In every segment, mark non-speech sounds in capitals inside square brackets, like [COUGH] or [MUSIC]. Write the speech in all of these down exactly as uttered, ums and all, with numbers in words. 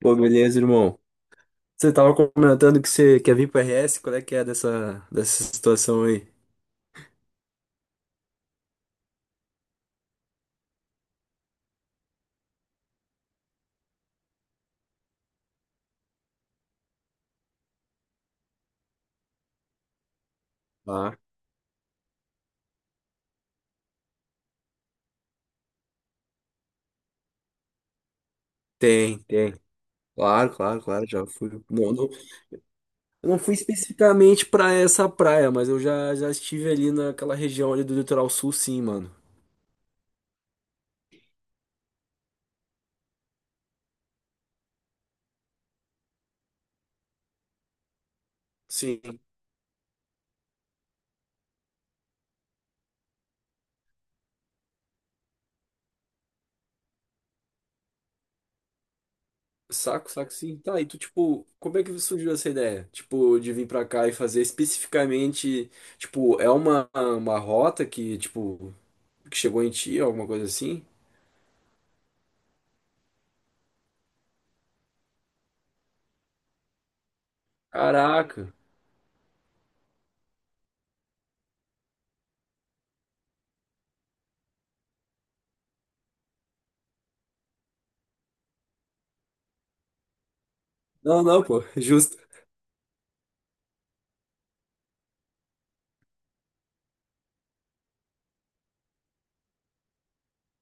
Pô, beleza, irmão. Você tava comentando que você quer vir pro R S, qual é que é dessa, dessa situação aí? Ah, tem, tem. Claro, claro, claro, já fui. Não, não, eu não fui especificamente pra essa praia, mas eu já, já estive ali naquela região ali do litoral sul, sim, mano. Sim, saco, saco, sim. Tá, e tu, tipo, como é que surgiu essa ideia? Tipo, de vir pra cá e fazer especificamente, tipo, é uma, uma rota que, tipo, que chegou em ti, alguma coisa assim? Caraca. Não, não, pô, [LAUGHS] justo.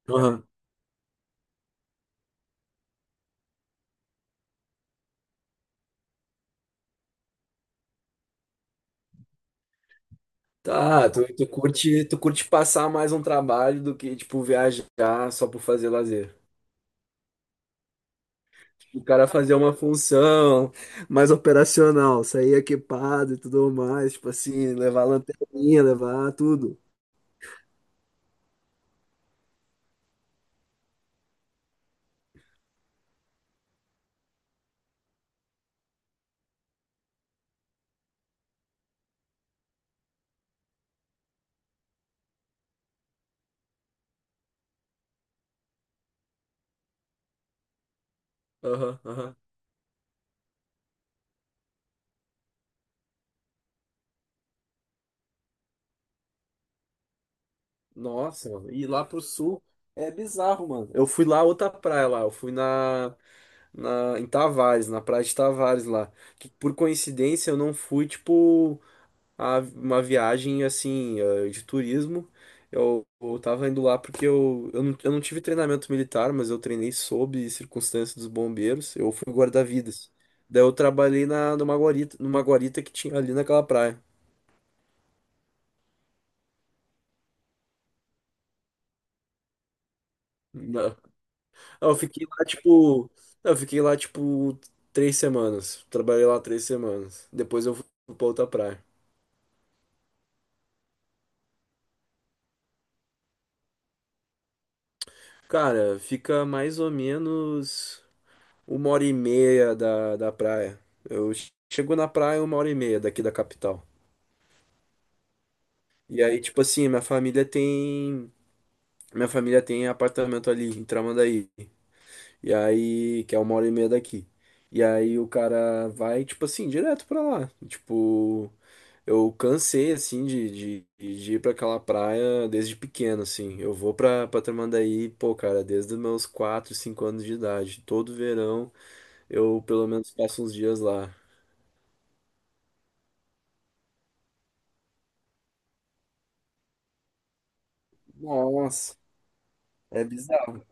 Aham. Tá, tu, tu curte, tu curte passar mais um trabalho do que, tipo, viajar só por fazer lazer. Tipo, o cara fazer uma função mais operacional, sair equipado e tudo mais, tipo assim, levar lanterninha, levar tudo. Aham, aham. Nossa, mano. E lá pro sul é bizarro, mano. Eu fui lá outra praia lá, eu fui na, na em Tavares, na praia de Tavares lá, que por coincidência eu não fui, tipo, a- uma viagem assim eh, de turismo. Eu, eu tava indo lá porque eu, eu, não, eu não tive treinamento militar, mas eu treinei sob circunstância dos bombeiros. Eu fui guarda-vidas. Daí eu trabalhei na, numa guarita, numa guarita que tinha ali naquela praia. Não. Eu fiquei lá tipo. Eu fiquei lá tipo três semanas. Trabalhei lá três semanas. Depois eu fui pra outra praia. Cara, fica mais ou menos. uma hora e meia da, da praia. Eu che- chego na praia uma hora e meia daqui da capital. E aí, tipo assim, minha família tem. Minha família tem apartamento ali em Tramandaí. E aí, que é uma hora e meia daqui. E aí o cara vai, tipo assim, direto pra lá. Tipo, eu cansei, assim, de, de, de ir pra aquela praia desde pequeno, assim. Eu vou pra, pra Tramandaí, pô, cara, desde os meus quatro cinco anos de idade. Todo verão eu, pelo menos, passo uns dias lá. Nossa, é bizarro.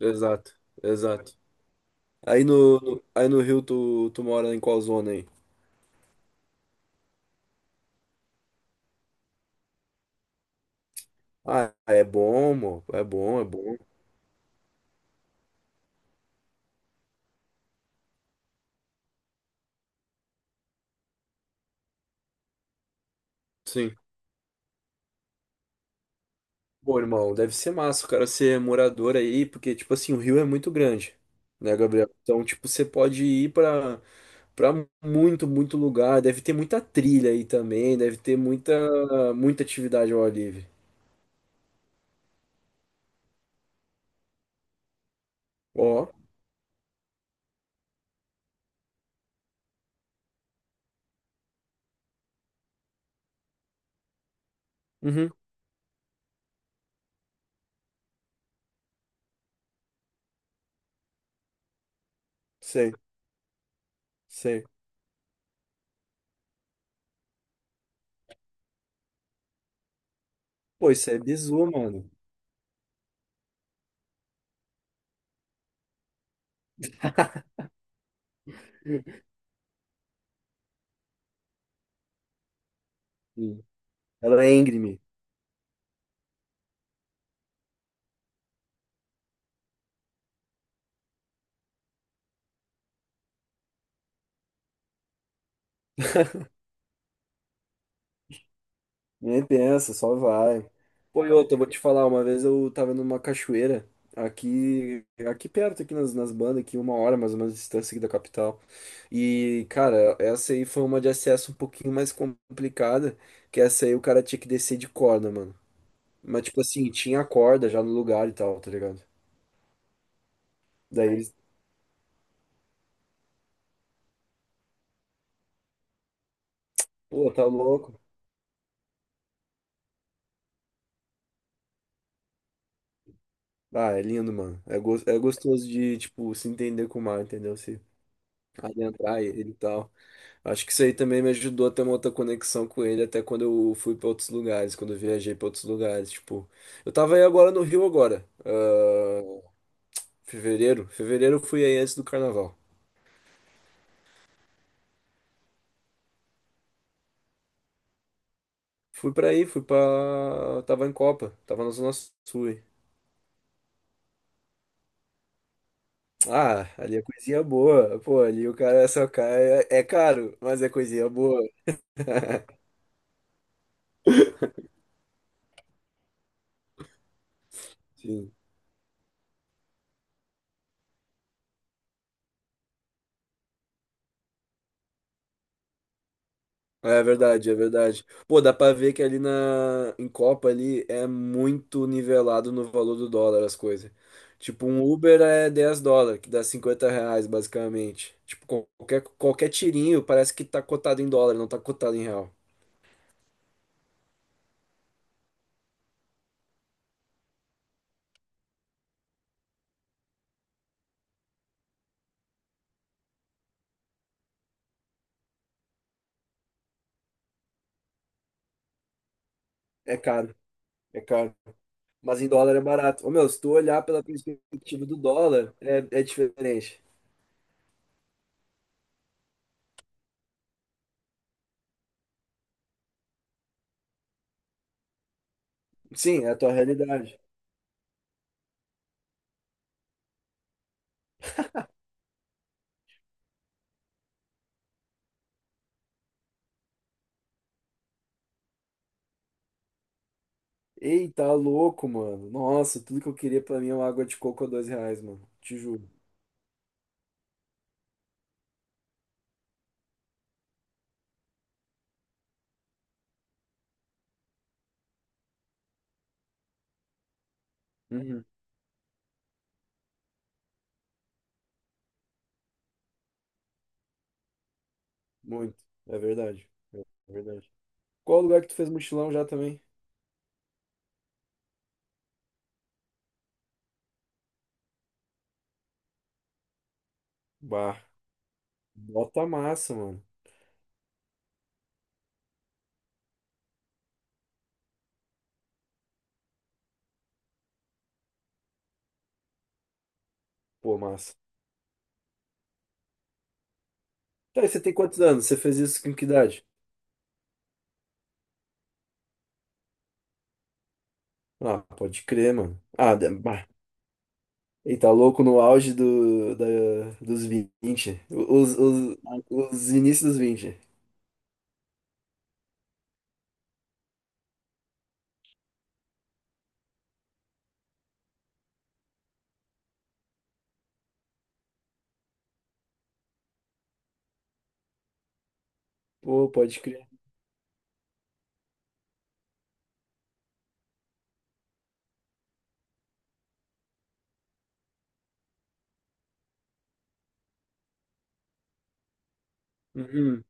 Exato, exato. Aí no, no- aí no Rio tu, tu mora em qual zona aí? Ah, é bom, mo, é bom, é bom. Sim. Pô, irmão, deve ser massa o cara ser morador aí, porque, tipo assim, o Rio é muito grande, né, Gabriel? Então, tipo, você pode ir pra, pra muito, muito lugar. Deve ter muita trilha aí também, deve ter muita, muita atividade ao ar livre. Ó, uhum, sei, sei. Pô, isso é bizu, mano. Sim. Ela é íngreme. Nem pensa, só vai. Pô, e outra, eu vou te falar, uma vez eu tava numa cachoeira, aqui, aqui perto, aqui nas, nas bandas, aqui uma hora mais ou menos de distância aqui da capital. E, cara, essa aí foi uma de acesso um pouquinho mais complicada, que essa aí o cara tinha que descer de corda, mano. Mas, tipo assim, tinha a corda já no lugar e tal, tá ligado? Daí eles, pô, tá louco. Ah, é lindo, mano. É, gos- é gostoso de, tipo, se entender com o mar, entendeu? Se adentrar ele e tal. Acho que isso aí também me ajudou a ter uma outra conexão com ele, até quando eu fui para outros lugares, quando eu viajei para outros lugares, tipo, eu tava aí agora no Rio agora, ah, fevereiro, fevereiro eu fui aí antes do carnaval. Fui pra aí, fui pra. Tava em Copa, tava na Zona Sul aí. Ah, ali é coisinha boa, pô, ali o cara é só cai, é é caro, mas é coisinha boa. Sim. É verdade, é verdade. Pô, dá pra ver que ali na em Copa ali é muito nivelado no valor do dólar as coisas. Tipo, um Uber é dez dólares, que dá cinquenta reais basicamente. Tipo, qualquer, qualquer tirinho parece que tá cotado em dólar, não tá cotado em real. É caro, é caro. Mas em dólar é barato. Ô, meu, se tu olhar pela perspectiva do dólar, é, é diferente. Sim, é a tua realidade. Eita, louco, mano. Nossa, tudo que eu queria pra mim é uma água de coco a dois reais, mano. Te juro. Uhum. Muito. É verdade. É verdade. Qual lugar que tu fez mochilão já também? Bah. Bota massa, mano. Pô, massa. Tá, e você tem quantos anos? Você fez isso com que idade? Ah, pode crer, mano. Ah, de- bah. Ele tá louco no auge do, da, dos vinte. Os, os, os inícios dos vinte. Pô, pode crer. Uhum.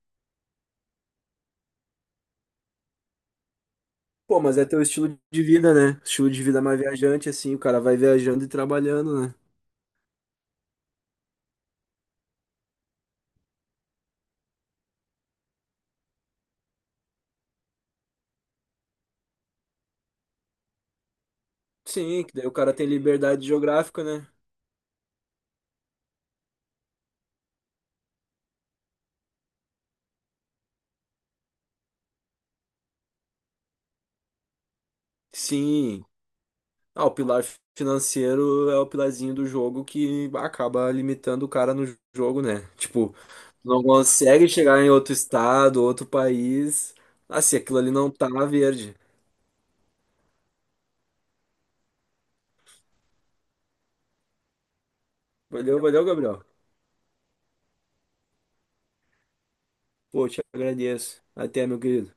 Pô, mas é teu estilo de vida, né? Estilo de vida mais viajante, assim. O cara vai viajando e trabalhando, né? Sim, que daí o cara tem liberdade geográfica, né? Sim. Ah, o pilar financeiro é o pilarzinho do jogo que acaba limitando o cara no jogo, né? Tipo, não consegue chegar em outro estado, outro país. Ah, se aquilo ali não tá verde. Valeu, valeu, Gabriel. Pô, te agradeço. Até, meu querido.